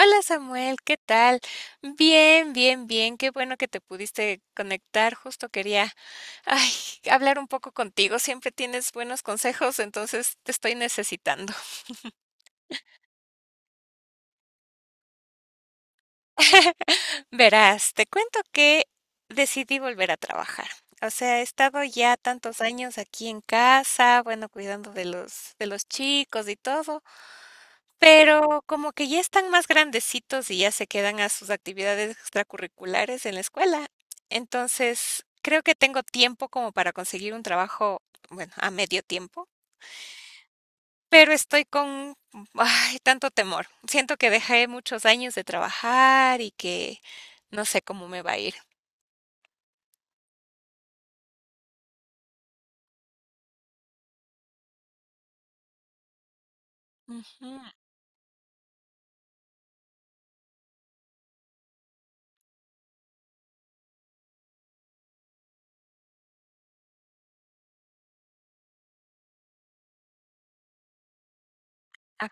Hola Samuel, ¿qué tal? Bien, bien, bien. Qué bueno que te pudiste conectar. Justo quería, ay, hablar un poco contigo. Siempre tienes buenos consejos, entonces te estoy necesitando. Verás, te cuento que decidí volver a trabajar. O sea, he estado ya tantos años aquí en casa, bueno, cuidando de los chicos y todo, pero como que ya están más grandecitos y ya se quedan a sus actividades extracurriculares en la escuela. Entonces, creo que tengo tiempo como para conseguir un trabajo, bueno, a medio tiempo, pero estoy con, ay, tanto temor. Siento que dejé muchos años de trabajar y que no sé cómo me va a ir. Ujú, ah,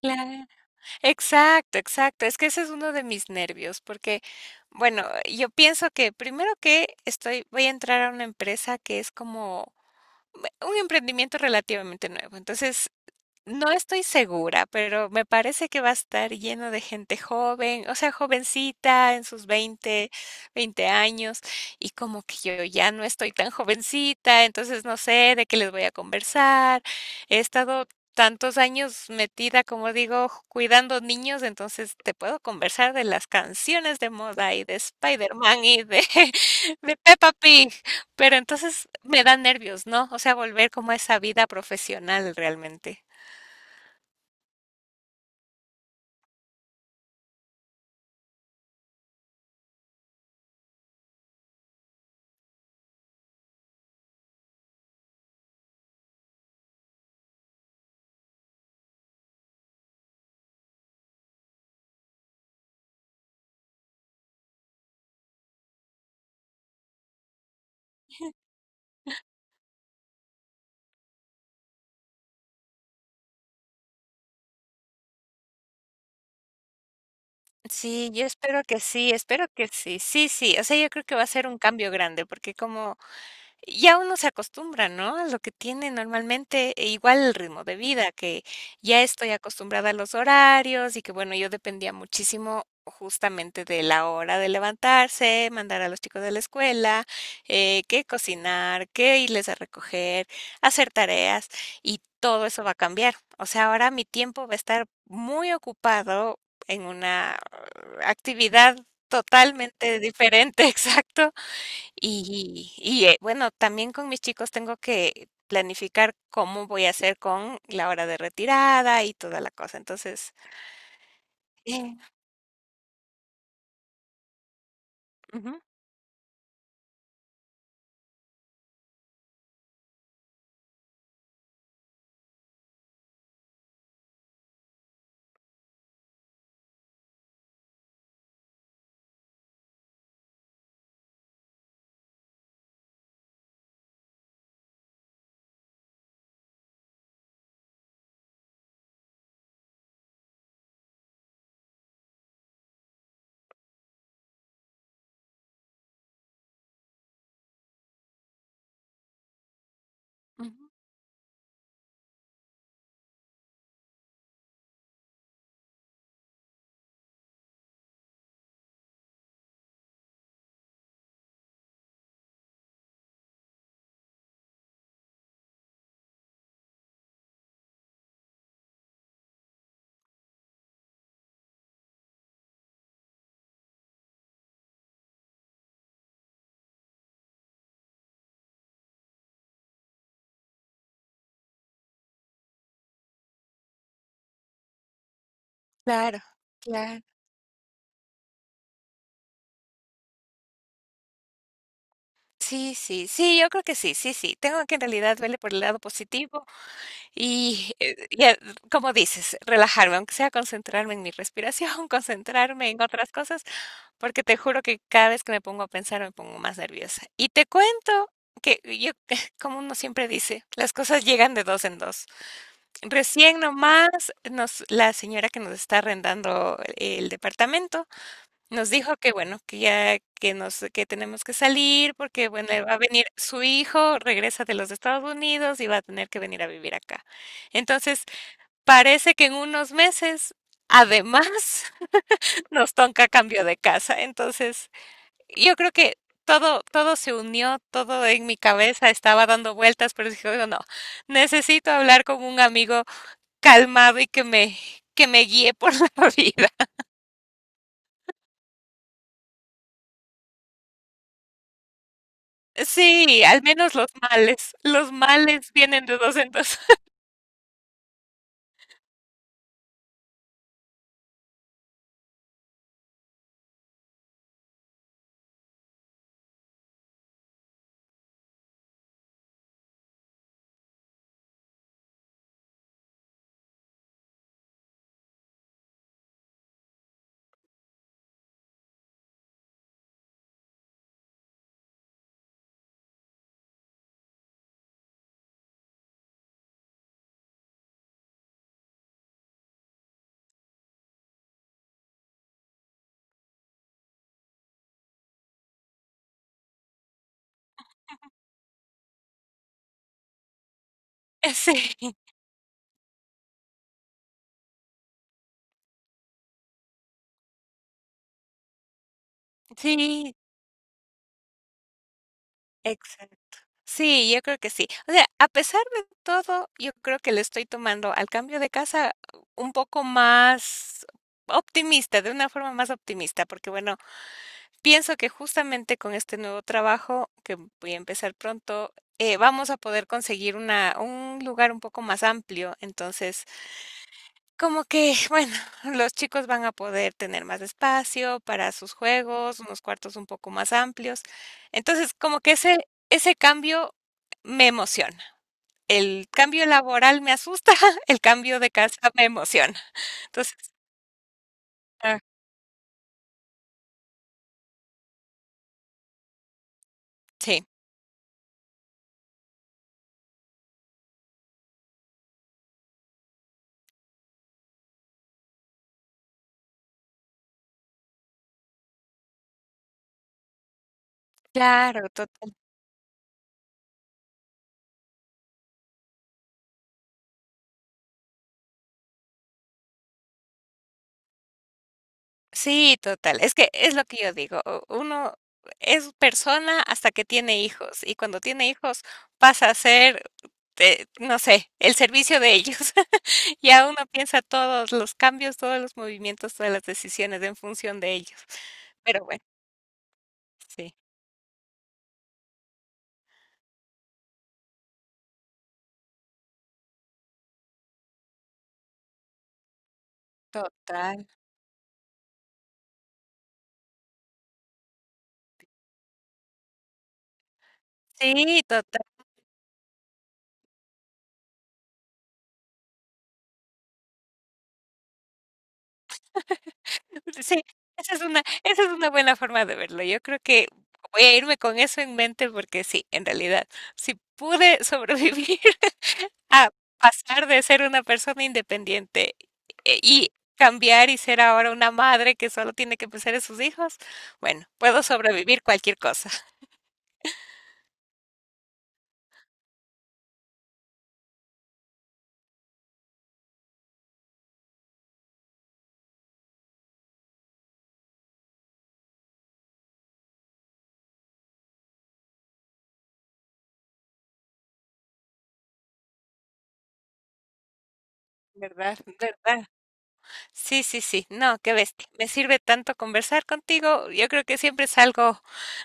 claro. Exacto, exacto. Es que ese es uno de mis nervios, porque, bueno, yo pienso que primero voy a entrar a una empresa que es como un emprendimiento relativamente nuevo. Entonces, no estoy segura, pero me parece que va a estar lleno de gente joven, o sea, jovencita, en sus veinte años, y como que yo ya no estoy tan jovencita, entonces no sé de qué les voy a conversar. He estado tantos años metida, como digo, cuidando niños, entonces te puedo conversar de las canciones de moda y de Spider-Man y de, de Peppa Pig, pero entonces me dan nervios, ¿no? O sea, volver como a esa vida profesional realmente. Sí, yo espero que sí, espero que sí. Sí, sí, o sea, yo creo que va a ser un cambio grande, porque como ya uno se acostumbra, ¿no? A lo que tiene normalmente, e igual el ritmo de vida, que ya estoy acostumbrada a los horarios y que, bueno, yo dependía muchísimo justamente de la hora de levantarse, mandar a los chicos de la escuela, que cocinar, qué irles a recoger, hacer tareas y todo eso va a cambiar. O sea, ahora mi tiempo va a estar muy ocupado en una actividad totalmente diferente, exacto. Y, bueno, también con mis chicos tengo que planificar cómo voy a hacer con la hora de retirada y toda la cosa. Entonces, eh, ujú, ujú, claro, claro. Sí, sí, sí, yo creo que sí, sí, sí. Tengo que en realidad verle por el lado positivo y, como dices, relajarme, aunque sea concentrarme en mi respiración, concentrarme en otras cosas, porque te juro que cada vez que me pongo a pensar me pongo más nerviosa. Y te cuento que yo, como uno siempre dice, las cosas llegan de dos en dos. Recién nomás la señora que nos está arrendando el departamento nos dijo que bueno, que ya que tenemos que salir porque bueno, va a venir su hijo, regresa de los Estados Unidos y va a tener que venir a vivir acá. Entonces, parece que en unos meses, además, nos toca cambio de casa. Entonces, yo creo que todo, todo se unió, todo en mi cabeza estaba dando vueltas, pero dije: "Oiga, no, necesito hablar con un amigo calmado y que me guíe por la vida". Sí, al menos los males vienen de dos en dos. Sí, sí, exacto. Sí, yo creo que sí. O sea, a pesar de todo, yo creo que le estoy tomando al cambio de casa un poco más optimista, de una forma más optimista, porque bueno, pienso que justamente con este nuevo trabajo, que voy a empezar pronto, vamos a poder conseguir un lugar un poco más amplio. Entonces, como que, bueno, los chicos van a poder tener más espacio para sus juegos, unos cuartos un poco más amplios. Entonces, como que ese cambio me emociona. El cambio laboral me asusta, el cambio de casa me emociona. Entonces, ah, sí, claro, sí, total. Es que es lo que yo digo, uno es persona hasta que tiene hijos y cuando tiene hijos pasa a ser, no sé, el servicio de ellos. Ya uno piensa todos los cambios, todos los movimientos, todas las decisiones en función de ellos. Pero bueno, sí, total. Sí, total. Sí, esa es una buena forma de verlo. Yo creo que voy a irme con eso en mente porque sí, en realidad, si pude sobrevivir a pasar de ser una persona independiente y cambiar y ser ahora una madre que solo tiene que pensar en sus hijos, bueno, puedo sobrevivir cualquier cosa. ¿Verdad? ¿Verdad? Sí, sí, sí. No, qué bestia. Me sirve tanto conversar contigo. Yo creo que siempre salgo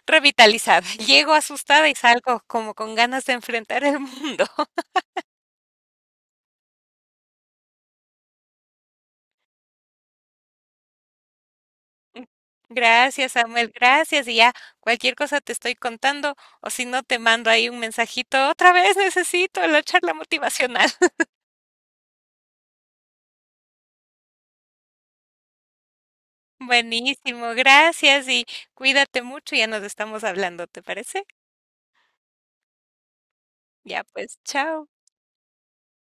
revitalizada. Llego asustada y salgo como con ganas de enfrentar el mundo. Gracias, Samuel. Gracias. Y ya cualquier cosa te estoy contando o si no te mando ahí un mensajito. Otra vez necesito la charla motivacional. Buenísimo. Gracias y cuídate mucho. Ya nos estamos hablando, ¿te parece? Ya pues, chao.